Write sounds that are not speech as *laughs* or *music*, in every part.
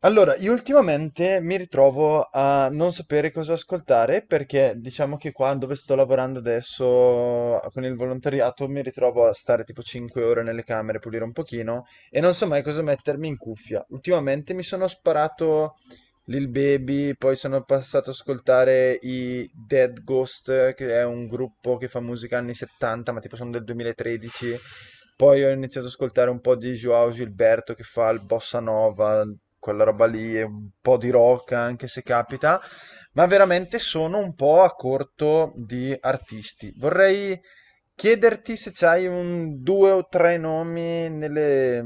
Allora, io ultimamente mi ritrovo a non sapere cosa ascoltare perché diciamo che qua dove sto lavorando adesso con il volontariato mi ritrovo a stare tipo 5 ore nelle camere, pulire un pochino e non so mai cosa mettermi in cuffia. Ultimamente mi sono sparato Lil Baby, poi sono passato ad ascoltare i Dead Ghost, che è un gruppo che fa musica anni 70, ma tipo sono del 2013. Poi ho iniziato ad ascoltare un po' di João Gilberto che fa il bossa nova, quella roba lì, e un po' di rock anche se capita, ma veramente sono un po' a corto di artisti. Vorrei chiederti se c'hai un due o tre nomi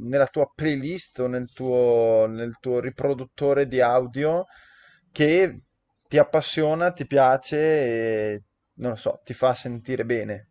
nella tua playlist o nel tuo riproduttore di audio che ti appassiona, ti piace e non lo so, ti fa sentire bene.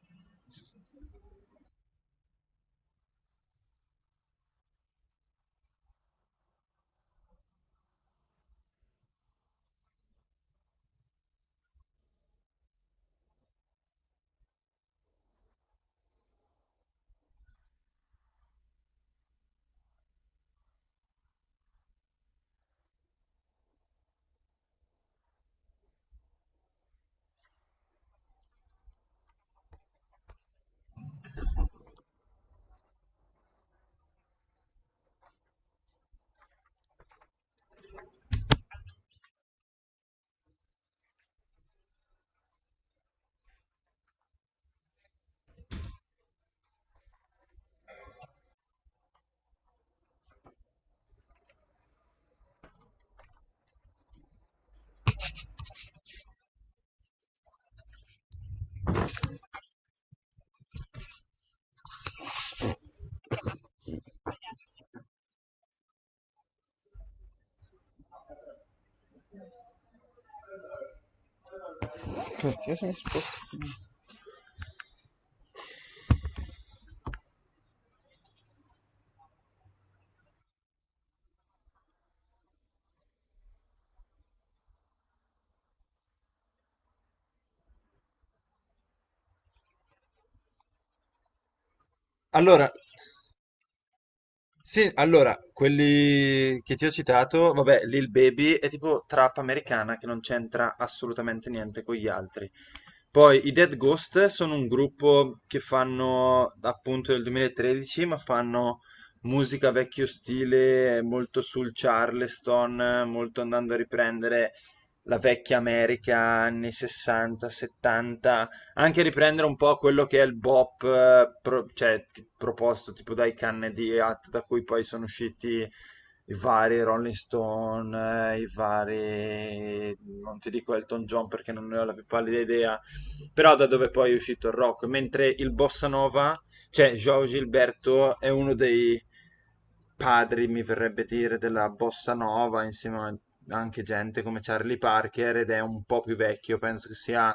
Perché se mi sposto? Allora, sì, allora, quelli che ti ho citato, vabbè, Lil Baby è tipo trap americana che non c'entra assolutamente niente con gli altri. Poi i Dead Ghost sono un gruppo che fanno appunto del 2013, ma fanno musica vecchio stile, molto sul Charleston, molto andando a riprendere la vecchia America anni 60, 70, anche riprendere un po' quello che è il bop, cioè, proposto tipo dai canne di Hat da cui poi sono usciti i vari Rolling Stone, i vari, non ti dico Elton John perché non ne ho la più pallida idea, però da dove poi è uscito il rock, mentre il bossa nova, cioè João Gilberto è uno dei padri, mi verrebbe dire, della bossa nova, insieme a anche gente come Charlie Parker ed è un po' più vecchio, penso che sia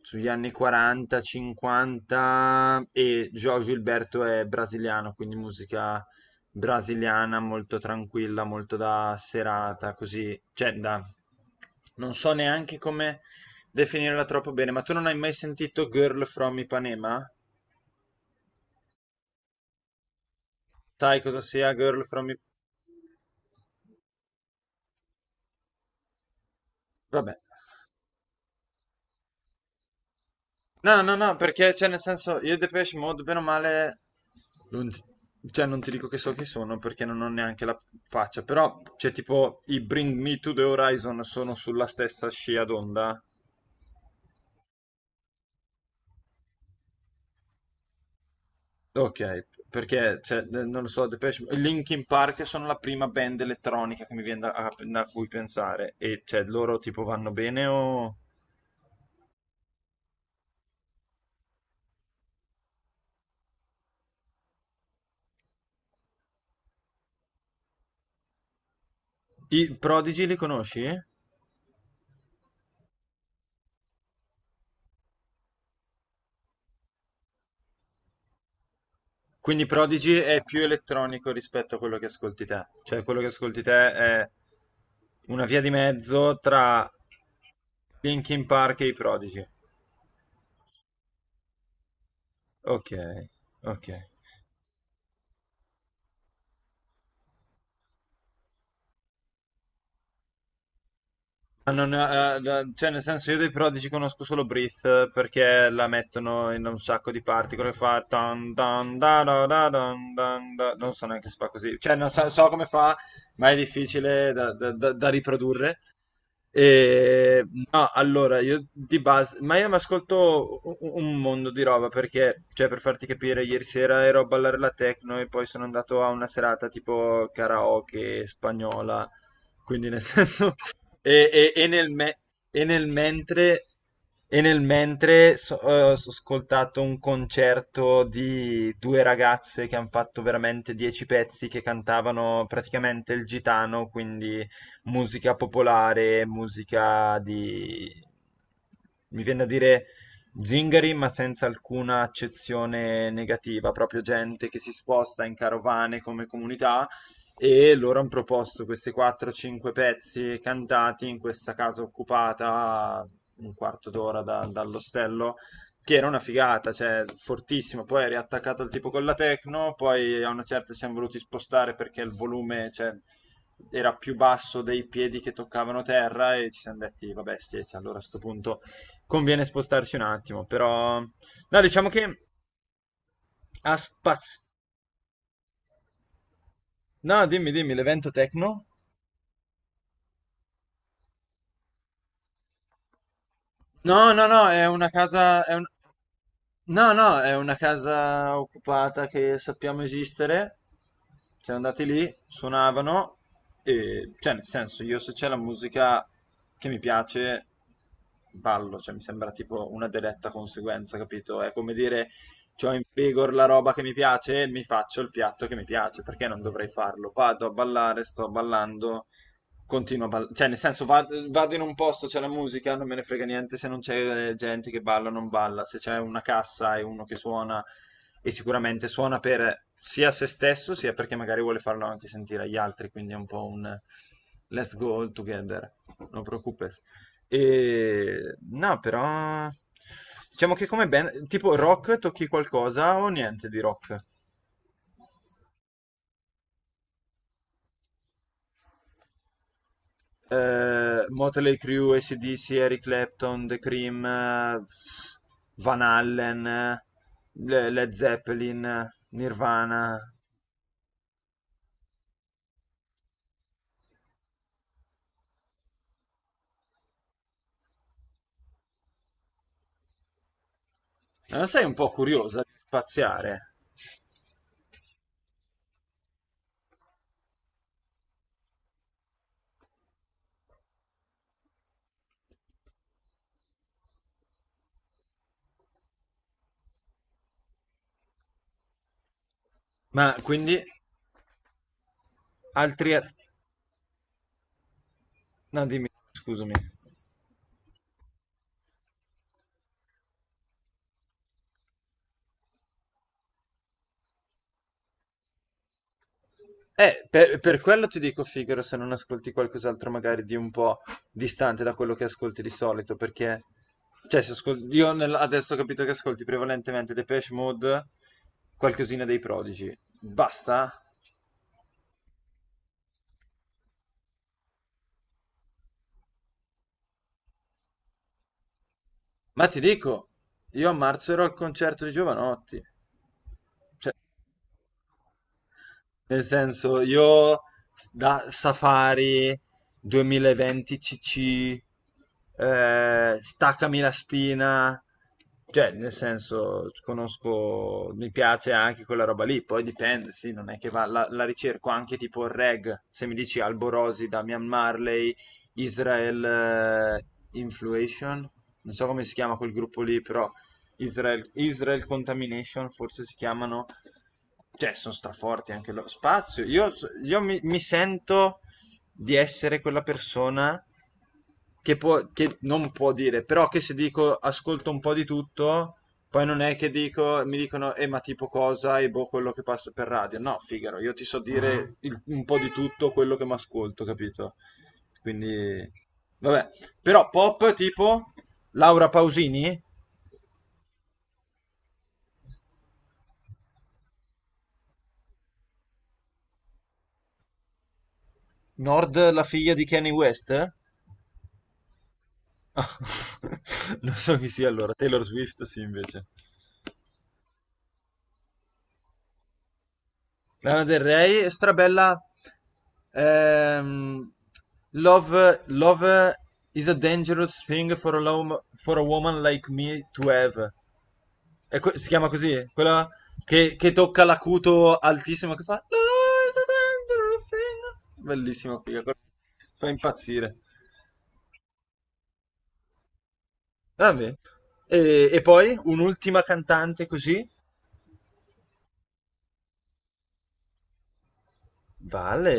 sugli anni 40, 50 e João Gilberto è brasiliano, quindi musica brasiliana molto tranquilla, molto da serata, così, cioè da... non so neanche come definirla troppo bene, ma tu non hai mai sentito Girl from Ipanema? Sai cosa sia Girl from Ipanema? Vabbè. No, no, no, perché, cioè, nel senso, io Depeche Mode, bene o male, non ti, cioè, non ti dico che so chi sono perché non ho neanche la faccia, però, cioè, tipo, i Bring Me to the Horizon sono sulla stessa scia d'onda. Ok, perché, cioè, non lo so, Linkin Park sono la prima band elettronica che mi viene da cui pensare, e, cioè, loro, tipo, vanno bene o... I Prodigy li conosci? Quindi Prodigy è più elettronico rispetto a quello che ascolti te. Cioè, quello che ascolti te è una via di mezzo tra Linkin Park e i Prodigy. Ok, ok. Cioè, nel senso, io dei Prodigy conosco solo Breathe perché la mettono in un sacco di parti. Quello che fa tan, tan, da, da, da, dan, dan, da. Non so neanche se fa così. Cioè, non so, so come fa, ma è difficile da riprodurre. E, no, allora, io di base, ma io mi ascolto un mondo di roba perché, cioè, per farti capire, ieri sera ero a ballare la techno e poi sono andato a una serata tipo karaoke spagnola. Quindi, nel *laughs* senso. E, e- e nel me- e nel mentre, e nel mentre, ho ascoltato un concerto di due ragazze che hanno fatto veramente 10 pezzi che cantavano praticamente il gitano, quindi musica popolare, musica di... mi viene da dire zingari, ma senza alcuna accezione negativa, proprio gente che si sposta in carovane come comunità e loro hanno proposto questi 4-5 pezzi cantati in questa casa occupata un quarto d'ora dall'ostello, che era una figata, cioè fortissimo. Poi è riattaccato il tipo con la techno, poi a una certa ci siamo voluti spostare perché il volume, cioè, era più basso dei piedi che toccavano terra e ci siamo detti, vabbè, sì, sì, allora a sto punto conviene spostarci un attimo, però... No, diciamo che ha spazio... No, dimmi, dimmi, l'evento techno? No, no, no, è una casa, no, no, è una casa occupata che sappiamo esistere. Siamo andati lì, suonavano e, cioè, nel senso, io se c'è la musica che mi piace, ballo, cioè mi sembra tipo una diretta conseguenza, capito? È come dire, c'ho in vigor la roba che mi piace, mi faccio il piatto che mi piace, perché non dovrei farlo? Vado a ballare, sto ballando, continua a ballare, cioè nel senso vado, vado in un posto, c'è la musica, non me ne frega niente se non c'è gente che balla o non balla, se c'è una cassa e uno che suona e sicuramente suona per sia se stesso sia perché magari vuole farlo anche sentire agli altri, quindi è un po' un let's go all together, non preoccupes. E no, però diciamo che come band, tipo rock tocchi qualcosa o niente di rock? Motley Crue, AC/DC, Eric Clapton, The Cream, Van Allen, Led Zeppelin, Nirvana. Ma non sei un po' curiosa di spaziare? Ma quindi altri... No, dimmi, scusami. Per quello ti dico, Figaro, se non ascolti qualcos'altro magari di un po' distante da quello che ascolti di solito, perché, cioè, se ascol- io nel- adesso ho capito che ascolti prevalentemente Depeche Mode, qualcosina dei Prodigi. Basta? Ma ti dico, io a marzo ero al concerto di Giovanotti. Cioè, nel senso, io da Safari 2020 CC, Staccami la spina, cioè, nel senso, conosco, mi piace anche quella roba lì, poi dipende, sì, non è che va, la ricerco anche tipo il reg, se mi dici Alborosi, Damian Marley, Israel Influation, non so come si chiama quel gruppo lì, però Israel, Israel Contamination forse si chiamano, cioè, sono straforti anche lo spazio, io mi sento di essere quella persona che non può dire, però che se dico ascolto un po' di tutto, poi non è che dico, mi dicono, ma tipo cosa e boh quello che passa per radio. No, Figaro, io ti so dire un po' di tutto quello che mi ascolto, capito? Quindi, vabbè. Però pop tipo Laura Pausini, Nord la figlia di Kanye West? *laughs* Non so chi sia allora, Taylor Swift sì invece. Lana Del Rey, strabella. ehm, love, love is a dangerous thing for a woman like me to have. Si chiama così? Quella che tocca l'acuto altissimo che fa. Love is a dangerous thing. Bellissima figa, fa impazzire. Vabbè. E poi un'ultima cantante così. Vale.